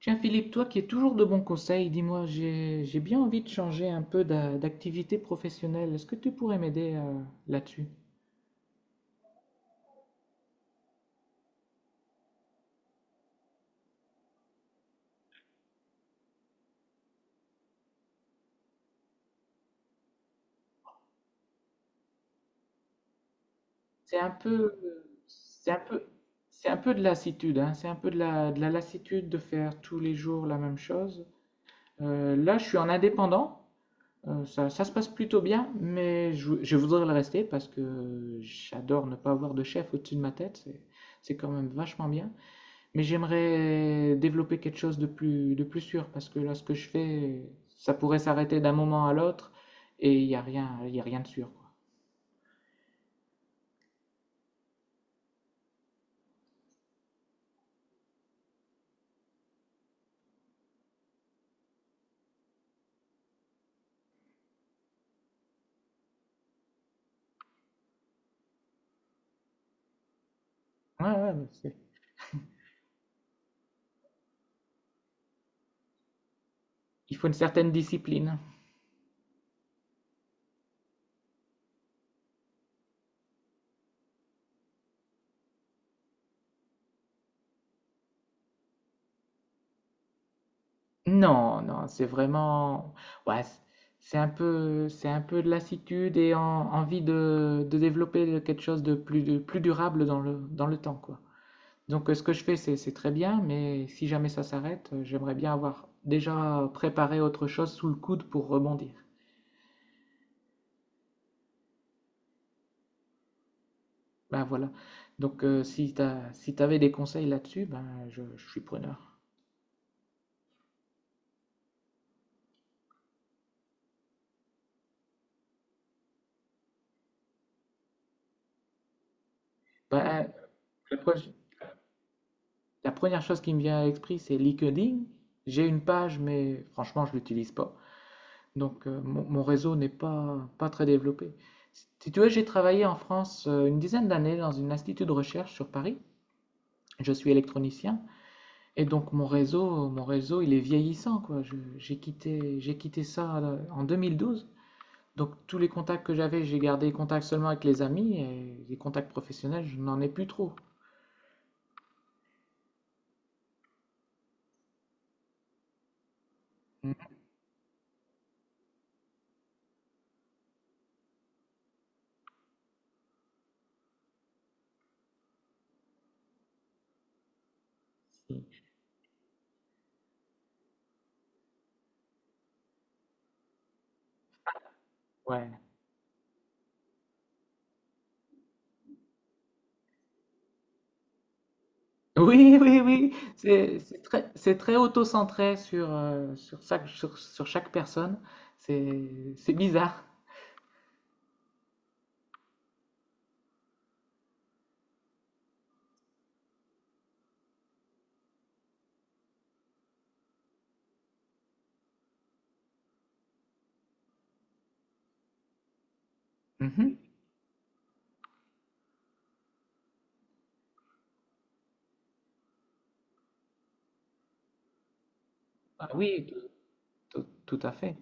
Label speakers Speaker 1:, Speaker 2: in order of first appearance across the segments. Speaker 1: Tiens Philippe, toi qui es toujours de bons conseils, dis-moi, j'ai bien envie de changer un peu d'activité professionnelle. Est-ce que tu pourrais m'aider là-dessus? C'est un peu, c'est un peu, c'est un peu de lassitude, hein. C'est un peu de la lassitude de faire tous les jours la même chose. Là, je suis en indépendant. Ça, ça se passe plutôt bien, mais je voudrais le rester parce que j'adore ne pas avoir de chef au-dessus de ma tête. C'est quand même vachement bien. Mais j'aimerais développer quelque chose de plus sûr, parce que là, ce que je fais, ça pourrait s'arrêter d'un moment à l'autre, et il y a rien de sûr, quoi. Ouais, ouais, mais Il faut une certaine discipline. Non, non, c'est vraiment, ouais, c'est un peu de lassitude envie de développer quelque chose de plus durable dans le temps, quoi. Donc, ce que je fais, c'est très bien, mais si jamais ça s'arrête, j'aimerais bien avoir déjà préparé autre chose sous le coude pour rebondir. Ben voilà. Donc, si t'avais des conseils là-dessus, ben je suis preneur. Ben, la, pro- la première chose qui me vient à l'esprit, c'est LinkedIn. J'ai une page, mais franchement, je l'utilise pas. Donc, mon réseau n'est pas, pas très développé. Si tu veux, j'ai travaillé en France une dizaine d'années dans un institut de recherche sur Paris. Je suis électronicien et donc mon réseau, il est vieillissant, quoi. J'ai quitté ça en 2012. Donc tous les contacts que j'avais, j'ai gardé les contacts seulement avec les amis et les contacts professionnels, je n'en ai plus trop. Mhm. Ouais. Oui, oui, oui. C'est très auto-centré sur chaque personne. C'est bizarre. Mhm. Ah oui, tout, tout à fait.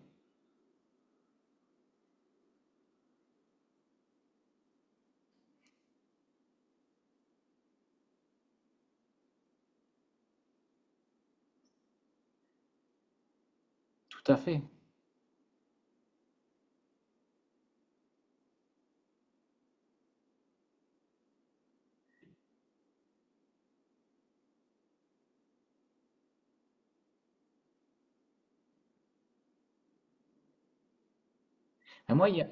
Speaker 1: Tout à fait. Et moi, il y a-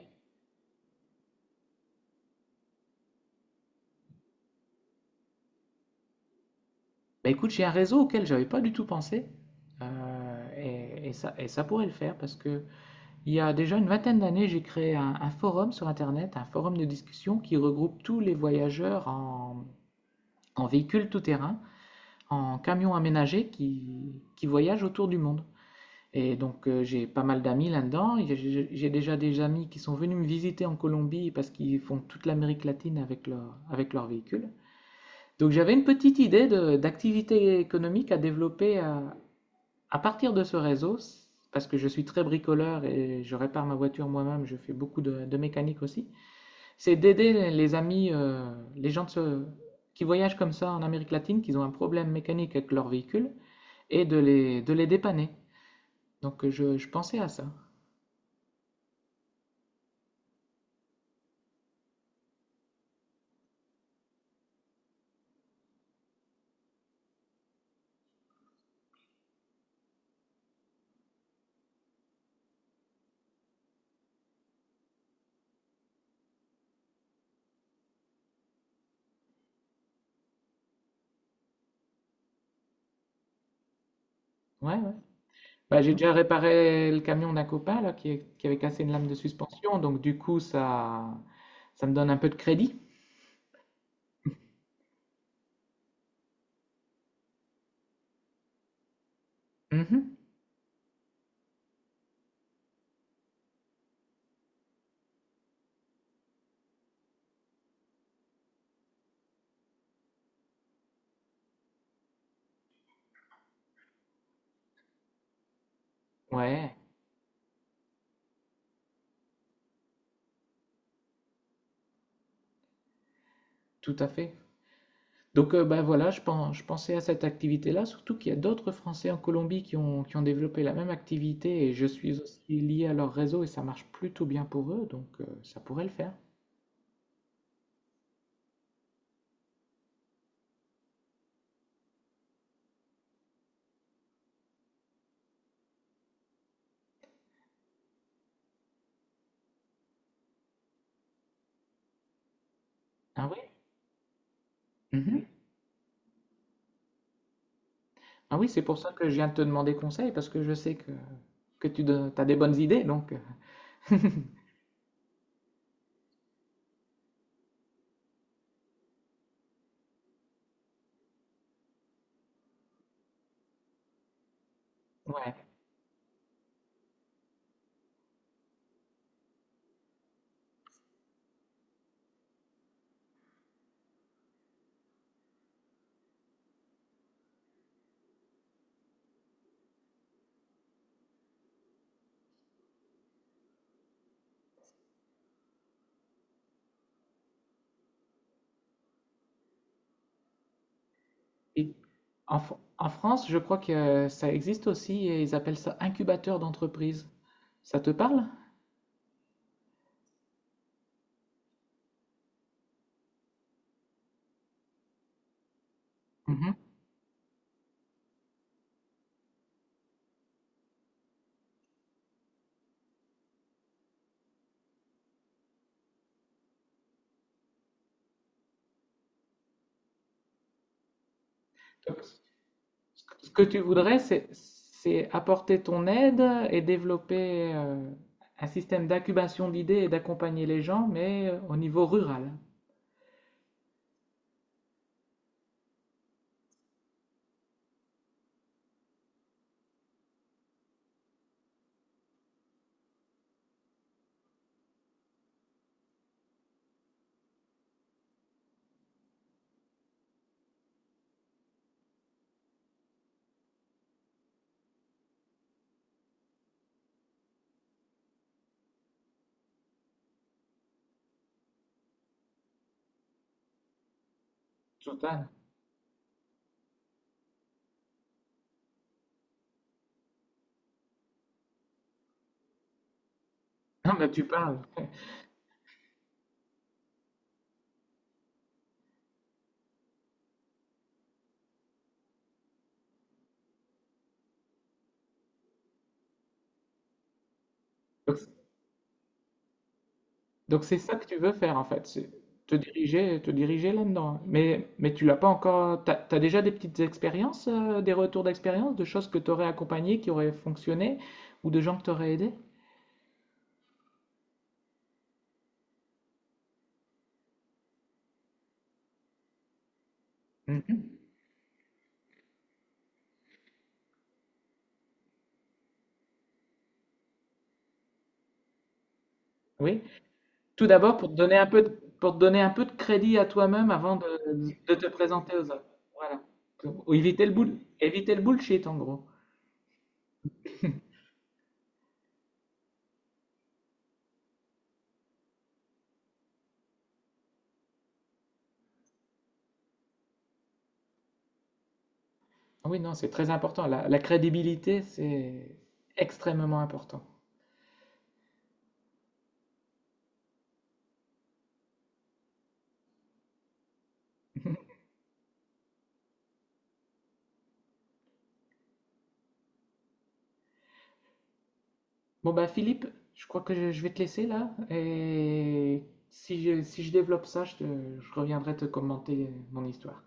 Speaker 1: Bah, écoute, j'ai un réseau auquel j'avais pas du tout pensé. Et ça, et ça pourrait le faire parce que il y a déjà une vingtaine d'années, j'ai créé un forum sur Internet, un forum de discussion qui regroupe tous les voyageurs en véhicule tout-terrain, en camions aménagés qui voyagent autour du monde. Et donc j'ai pas mal d'amis là-dedans. J'ai déjà des amis qui sont venus me visiter en Colombie parce qu'ils font toute l'Amérique latine avec leur véhicule. Donc j'avais une petite idée d'activité économique à développer à partir de ce réseau, parce que je suis très bricoleur et je répare ma voiture moi-même, je fais beaucoup de mécanique aussi, c'est d'aider les amis, les gens de ce- qui voyagent comme ça en Amérique latine, qui ont un problème mécanique avec leur véhicule, et de de les dépanner. Donc je pensais à ça. Ouais, ouais. Bah, j'ai déjà réparé le camion d'un copain là, qui avait cassé une lame de suspension, donc du coup ça me donne un peu de crédit. Mhm. Ouais, tout à fait. Donc, bah, voilà, je pensais à cette activité-là, surtout qu'il y a d'autres Français en Colombie qui ont développé la même activité et je suis aussi lié à leur réseau et ça marche plutôt bien pour eux, donc ça pourrait le faire. Ah oui? Mhm. Ah oui, c'est pour ça que je viens de te demander conseil parce que que tu as des bonnes idées, donc. Ouais. Et en France, je crois que ça existe aussi et ils appellent ça incubateur d'entreprise. Ça te parle? Mhm. Ce que tu voudrais, c'est apporter ton aide et développer un système d'incubation d'idées et d'accompagner les gens, mais au niveau rural. Total. Non, mais tu parles. Donc, c'est- donc c'est ça que tu veux faire en fait, c'est te diriger là-dedans. Mais tu l'as pas encore. T'as déjà des petites expériences, des retours d'expérience, de choses que tu aurais accompagnées, qui auraient fonctionné, ou de gens que tu aurais aidés? Mhm. Oui. Tout d'abord, pour te donner un peu de, pour te donner un peu de crédit à toi-même de te présenter aux autres. Voilà. Ou éviter le bullshit, en gros. Ah oui, non, c'est très important. La crédibilité, c'est extrêmement important. Bon, bah, Philippe, je crois que je vais te laisser là. Et si je développe ça, je reviendrai te commenter mon histoire.